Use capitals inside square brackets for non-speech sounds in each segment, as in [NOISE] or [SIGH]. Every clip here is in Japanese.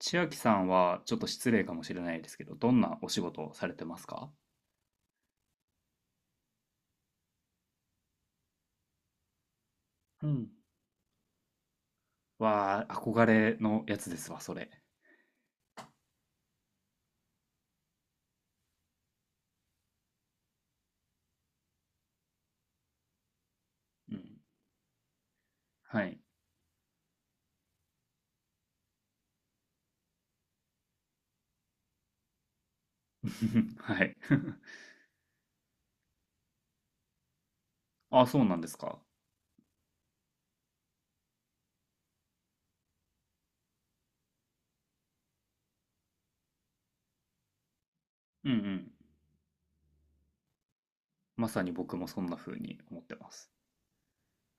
千秋さんはちょっと失礼かもしれないですけど、どんなお仕事をされてますか？うん。わあ、憧れのやつですわ、それ。うん。はい。[LAUGHS] はい。[LAUGHS] あ、そうなんですか。うんうん。まさに僕もそんな風に思ってます。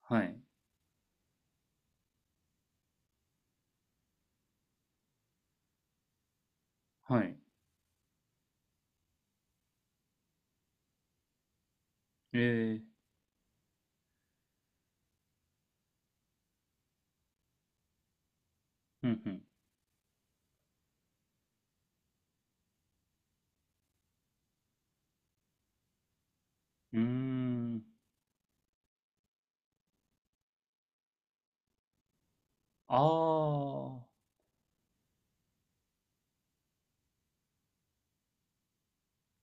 はい。はい。ええ。うんうん。うーん。あ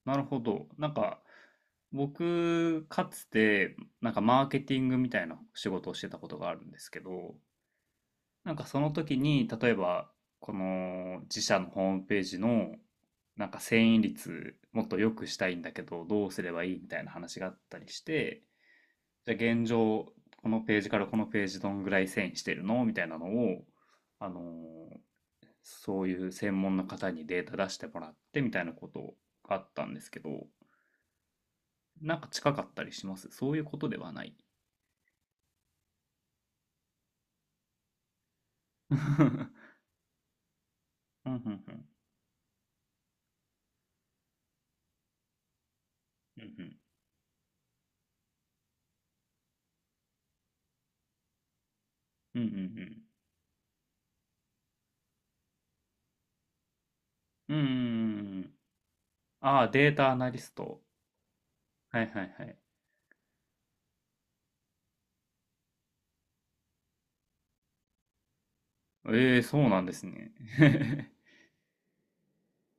あ、なるほど。なんか、僕、かつて、なんかマーケティングみたいな仕事をしてたことがあるんですけど、なんかその時に、例えば、この自社のホームページの、なんか遷移率もっと良くしたいんだけど、どうすればいいみたいな話があったりして、じゃあ現状、このページからこのページどんぐらい遷移してるのみたいなのを、あのーそういう専門の方にデータ出してもらってみたいなことがあったんですけど、なんか近かったりしますそういうことではない？[LAUGHS] うんうんうん。うんうん。うんうんうん。うんうんうんうん。ああ、データアナリスト。はいはいはい。ええ、そうなんですね。[LAUGHS]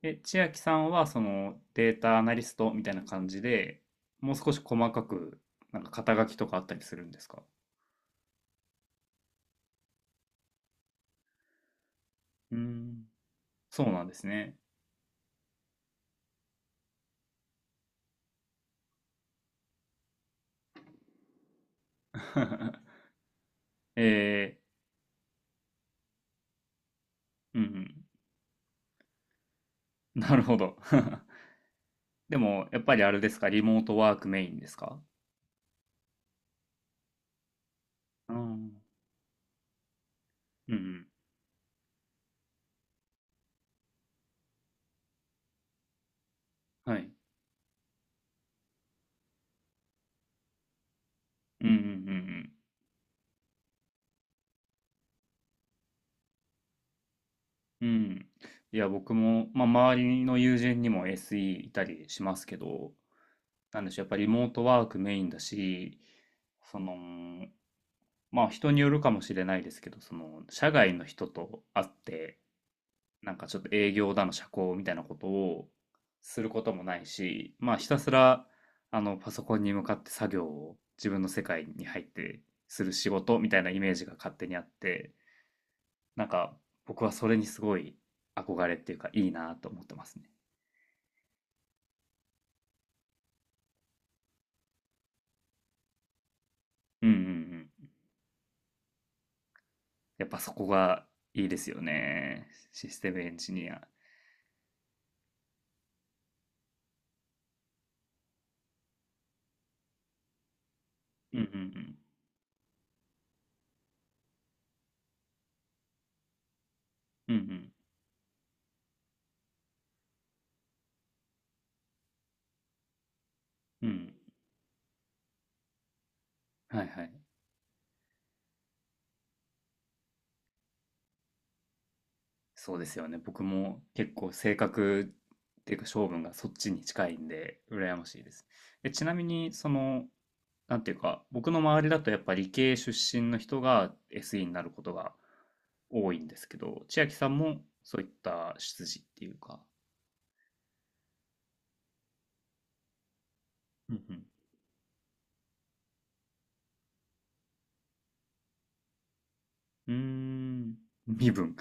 え、千秋さんはそのデータアナリストみたいな感じで、もう少し細かく、なんか肩書きとかあったりするんですか？うーん、そうなんですね。[LAUGHS] えー。うんうん。なるほど。[LAUGHS] でも、やっぱりあれですか、リモートワークメインですか？うん。うんうん。はい。うんうんうんうん。うん。いや、僕も、まあ、周りの友人にも SE いたりしますけど、なんでしょう、やっぱりリモートワークメインだし、その、まあ人によるかもしれないですけど、その、社外の人と会って、なんかちょっと営業だの社交みたいなことをすることもないし、まあひたすら、あの、パソコンに向かって作業を自分の世界に入ってする仕事みたいなイメージが勝手にあって、なんか僕はそれにすごい憧れっていうかいいなと思ってますね。うんうんうん。やっぱそこがいいですよね。システムエンジニア。うんうんうん。うんうん。うん。はいはい。そうですよね。僕も結構性格っていうか性分がそっちに近いんで、羨ましいです。え、ちなみに、その、なんていうか、僕の周りだとやっぱ理系出身の人が SE になることが多いんですけど、千秋さんもそういった出自っていうか。うんうん。うーん。身分。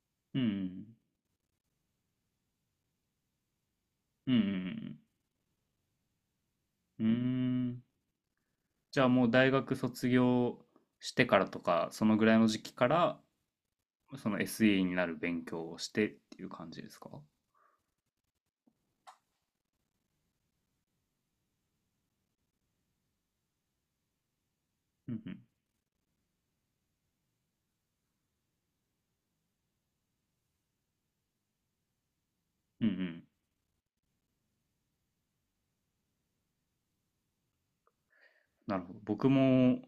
[LAUGHS] うんうん。うんうんうん。うーん。じゃあもう大学卒業してからとか、そのぐらいの時期から、その SE になる勉強をしてっていう感じですか？うんうん。うんうん。なるほど。僕も、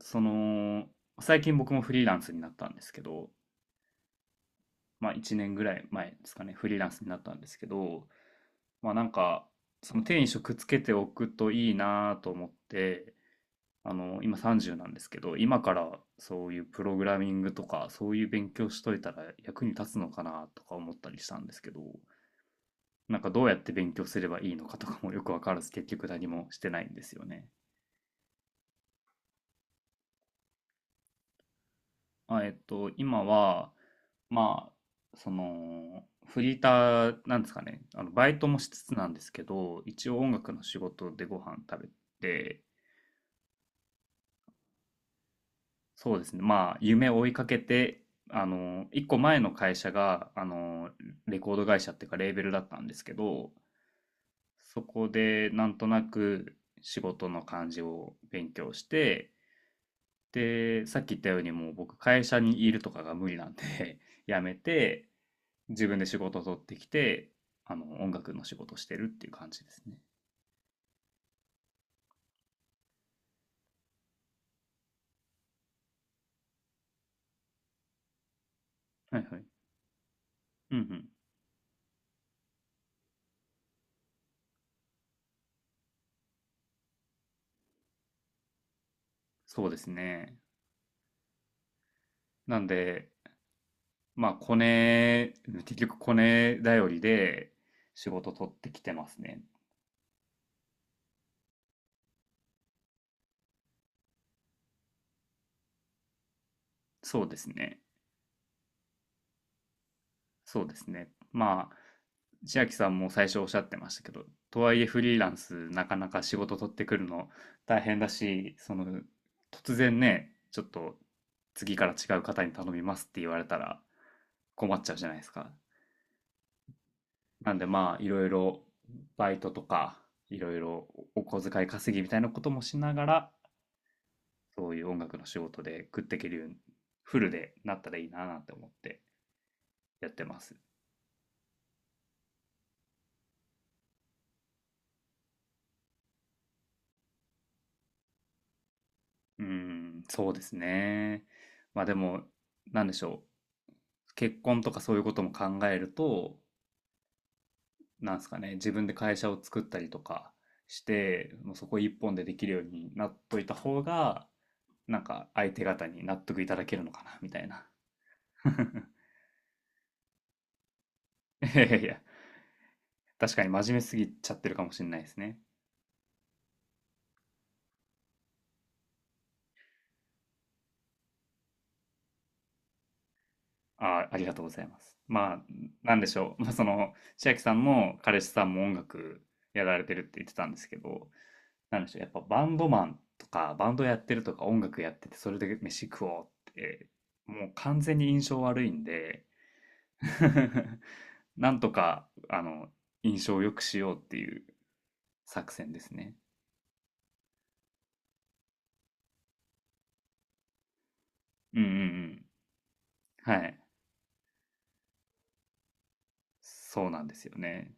その、最近僕もフリーランスになったんですけど、まあ1年ぐらい前ですかね、フリーランスになったんですけど、まあなんか、その手に職つけておくといいなと思って、あの、今30なんですけど、今からそういうプログラミングとか、そういう勉強しといたら役に立つのかなとか思ったりしたんですけど、なんかどうやって勉強すればいいのかとかもよくわからず、結局何もしてないんですよね。あ、今は、まあ、その、フリーターなんですかね、あの、バイトもしつつなんですけど、一応音楽の仕事でご飯食べて、そうですね。まあ、夢を追いかけて、あの、一個前の会社が、あの、レコード会社っていうか、レーベルだったんですけど、そこで、なんとなく仕事の感じを勉強して、で、さっき言ったように、もう僕、会社にいるとかが無理なんで [LAUGHS] 辞めて、自分で仕事を取ってきて、あの、音楽の仕事をしてるっていう感じですね。はいはい。うんうん。そうですね。なんで、まあ、コネ、結局コネ頼りで仕事取ってきてますね。そうですね。そうですね。まあ、千秋さんも最初おっしゃってましたけど、とはいえフリーランスなかなか仕事取ってくるの大変だし、その、突然ね、ちょっと次から違う方に頼みますって言われたら困っちゃうじゃないですか。なんでまあ、いろいろバイトとか、いろいろお小遣い稼ぎみたいなこともしながら、そういう音楽の仕事で食っていけるように、フルでなったらいいななんて思ってやってます。うーん、そうですね。まあでも、なんでしょう。結婚とかそういうことも考えると、なんですかね、自分で会社を作ったりとかして、もうそこ一本でできるようになっといた方が、なんか相手方に納得いただけるのかな、みたいな。[LAUGHS] いやいやいや、確かに真面目すぎちゃってるかもしれないですね。あ、ありがとうございます。まあ、なんでしょう。まあ、その、千秋さんも彼氏さんも音楽やられてるって言ってたんですけど、なんでしょう。やっぱバンドマンとか、バンドやってるとか、音楽やってて、それで飯食おうって、もう完全に印象悪いんで、[LAUGHS] なんとか、あの、印象を良くしようっていう作戦ですね。うんうんうん。はい。そうなんですよね。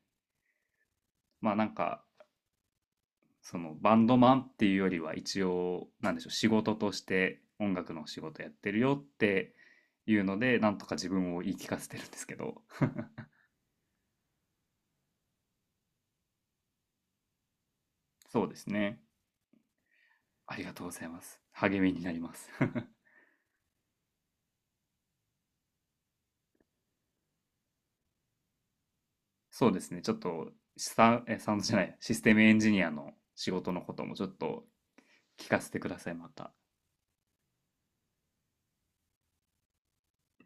まあなんか、そのバンドマンっていうよりは一応なんでしょう仕事として音楽の仕事やってるよっていうのでなんとか自分を言い聞かせてるんですけど。そうですね。ありがとうございます。励みになります。 [LAUGHS] そうですね。ちょっとサウンドじゃないシステムエンジニアの仕事のこともちょっと聞かせてくださいまた。